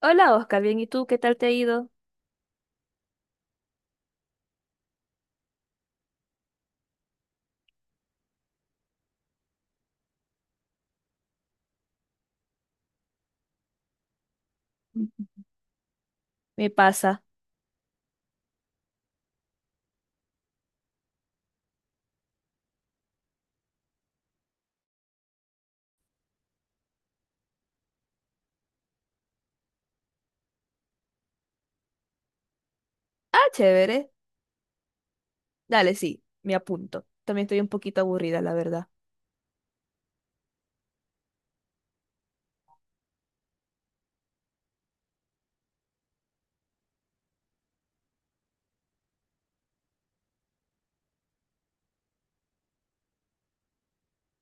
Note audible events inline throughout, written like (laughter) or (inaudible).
Hola Oscar, bien, ¿y tú qué tal te ha ido? Me pasa. Ah, chévere. Dale, sí, me apunto. También estoy un poquito aburrida, la verdad.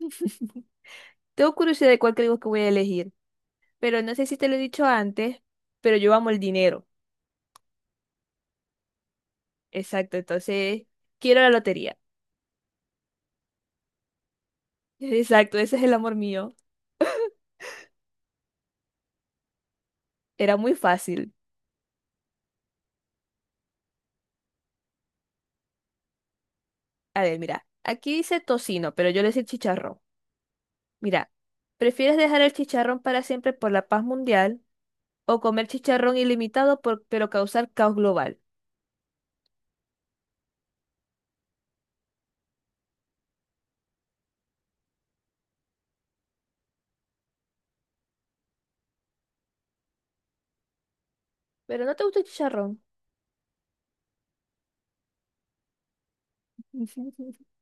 (laughs) Tengo curiosidad de cuál creo que voy a elegir, pero no sé si te lo he dicho antes, pero yo amo el dinero. Exacto, entonces quiero la lotería. (laughs) Exacto, ese es el amor mío. Era muy fácil. A ver, mira, aquí dice tocino, pero yo le hice chicharrón. Mira, ¿prefieres dejar el chicharrón para siempre por la paz mundial? O comer chicharrón ilimitado por- pero causar caos global. Pero no te gusta el chicharrón. (laughs)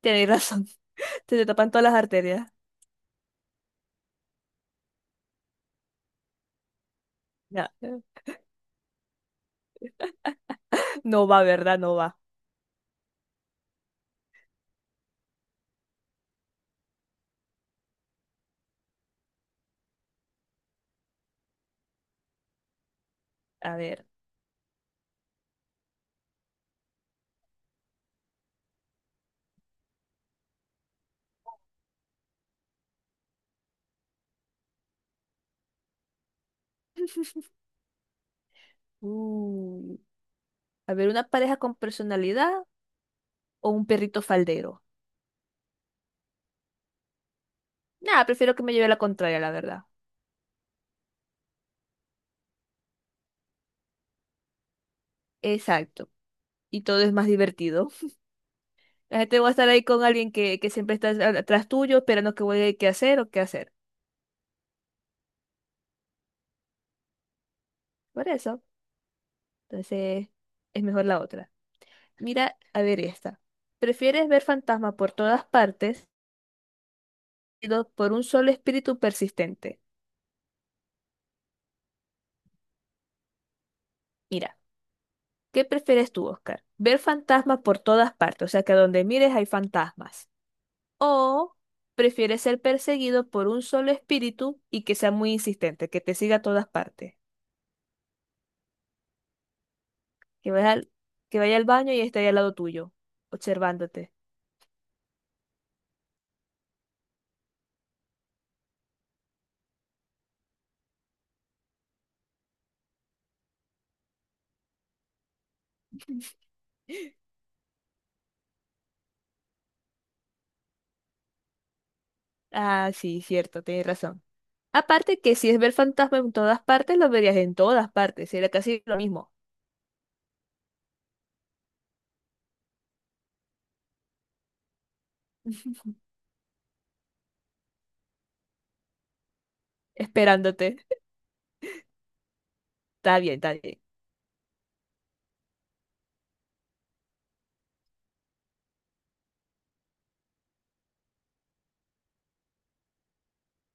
Tienes razón. Se te tapan todas las arterias. Ya. No va, ¿verdad? No va. A ver. Uh, a ver, una pareja con personalidad o un perrito faldero. Nada, prefiero que me lleve la contraria, la verdad. Exacto. Y todo es más divertido. La gente va a estar ahí con alguien que siempre está a- atrás tuyo, esperando que vuelva qué hacer o qué hacer. Por eso, entonces es mejor la otra. Mira, a ver esta. ¿Prefieres ver fantasmas por todas partes, seguido por un solo espíritu persistente? Mira, ¿qué prefieres tú, Oscar? ¿Ver fantasmas por todas partes? O sea, que donde mires hay fantasmas. ¿O prefieres ser perseguido por un solo espíritu y que sea muy insistente, que te siga a todas partes? que vaya al, que vaya al baño y esté ahí al lado tuyo, observándote. (laughs) Ah, sí, cierto, tienes razón. Aparte que si es ver fantasma en todas partes, lo verías en todas partes, sería casi lo mismo. (laughs) Esperándote. Está bien, está bien.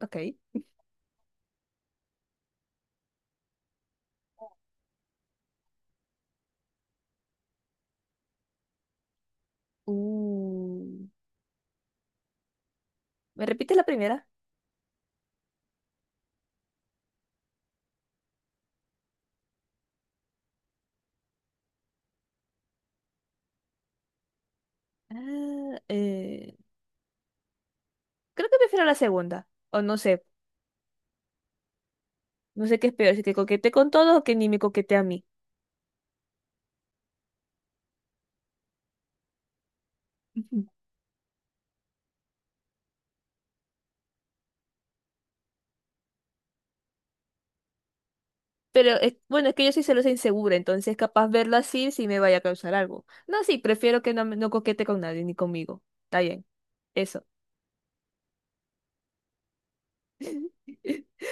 Ok. Uh, ¿Me repites la primera? Ah, creo que prefiero la segunda, o no sé, no sé qué es peor, si que coquete con todos o que ni me coquete a mí. Pero es- bueno, es que yo soy celosa e insegura, entonces capaz verlo así sí me vaya a causar algo. No, sí, prefiero que no, me- no coquete con nadie ni conmigo. Está bien. Eso. (laughs)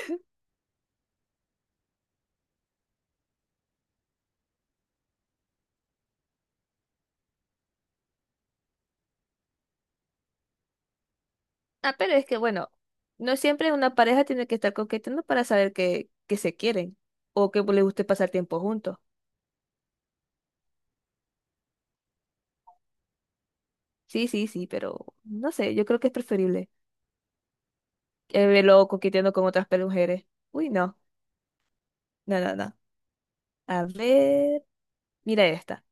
Ah, pero es que bueno, no siempre una pareja tiene que estar coqueteando para saber que se quieren o que les guste pasar tiempo juntos. Sí, sí, sí, pero no sé, yo creo que es preferible que verlo coqueteando con otras pe- mujeres. Uy, no, no, no, no. A ver, mira esta.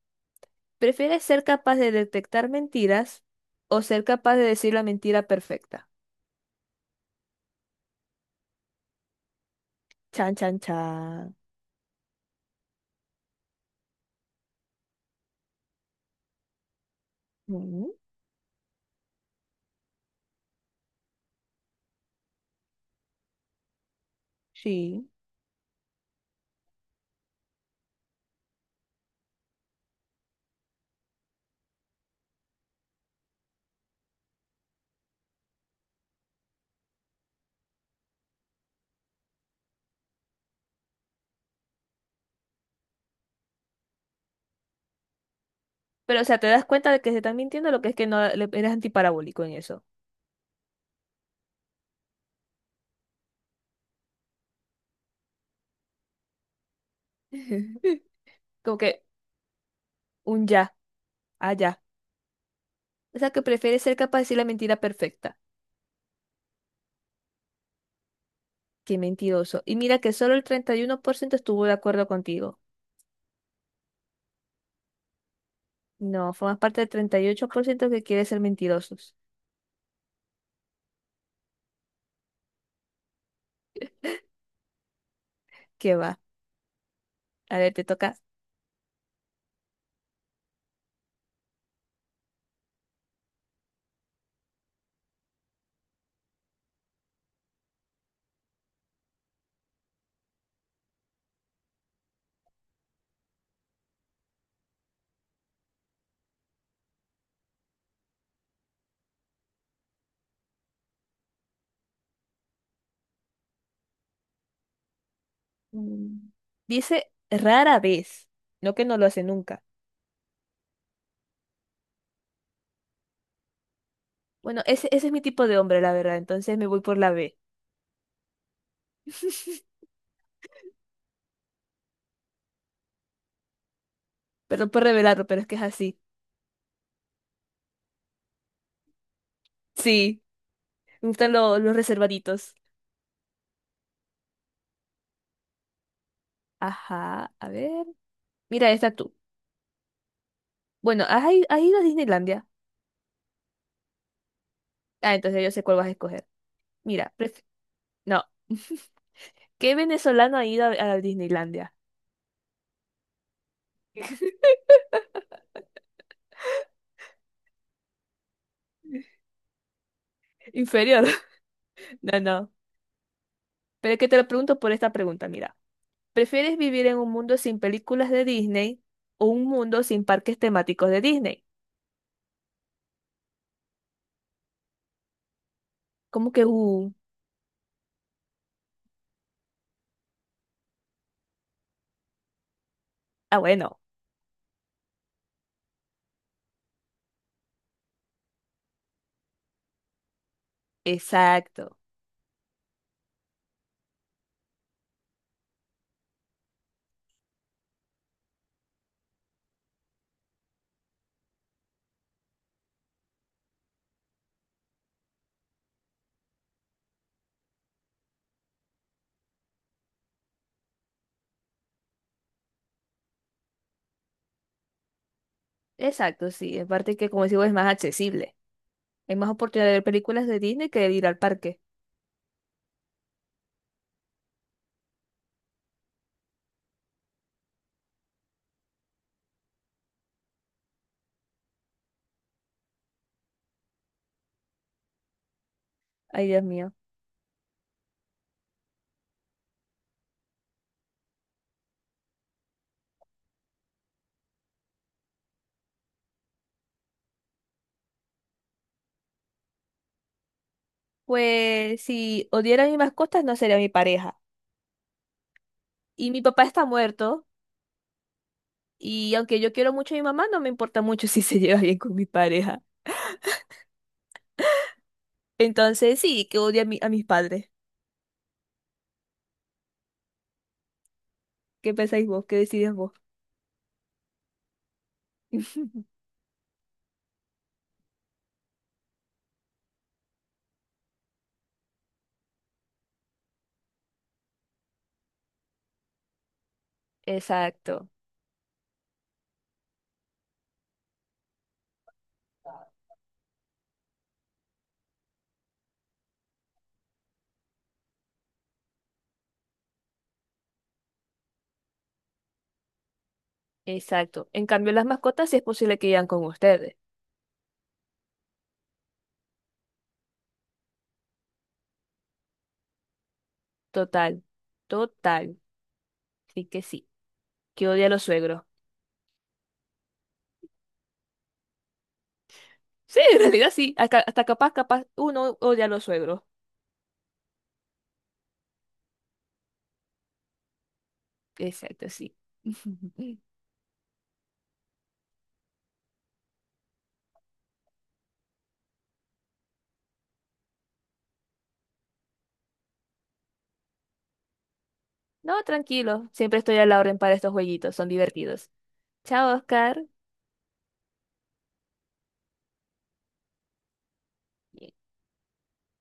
¿Prefieres ser capaz de detectar mentiras o ser capaz de decir la mentira perfecta? Chan, chan, chan. Mm, sí. (laughs) Pero, o sea, te das cuenta de que se están mintiendo, lo que es que no le- eres antiparabólico en eso. (laughs) Como que un ya, allá. O sea, que prefieres ser capaz de decir la mentira perfecta. Qué mentiroso. Y mira que solo el 31% estuvo de acuerdo contigo. No, formas parte del 38% que quiere ser mentirosos. ¿Qué va? A ver, te toca. Mm, dice rara vez, no que no lo hace nunca. Bueno, ese es mi tipo de hombre, la verdad, entonces me voy por la B. (laughs) Perdón por revelarlo, pero es que es así. Sí, me gustan lo- los reservaditos. Ajá, a ver. Mira, esta tú. Bueno, ¿has, i- has ido a Disneylandia? Ah, entonces yo sé cuál vas a escoger. Mira, pref- no. (laughs) ¿Qué venezolano ha ido a Disneylandia? Inferior. (laughs) No, no. Pero es que te lo pregunto por esta pregunta, mira. ¿Prefieres vivir en un mundo sin películas de Disney o un mundo sin parques temáticos de Disney? Como que, ah, bueno, exacto, exacto, sí, en parte que, como digo, es más accesible. Hay más oportunidad de ver películas de Disney que de ir al parque. Ay, Dios mío. Pues si odiara a mis mascotas, no sería mi pareja. Y mi papá está muerto, y aunque yo quiero mucho a mi mamá, no me importa mucho (laughs) si se lleva bien con mi pareja. Entonces, sí, que odie a, mi- a mis padres. ¿Qué pensáis vos? ¿Qué decidís vos? (laughs) Exacto. Exacto. En cambio, las mascotas sí es posible que vayan con ustedes. Total, total. Sí. Que odia a los suegros. (laughs) Sí, en realidad sí. Hasta, hasta capaz, capaz, uno odia a los suegros. Exacto, sí. (laughs) No, tranquilo. Siempre estoy a la orden para estos jueguitos. Son divertidos. Chao, Oscar.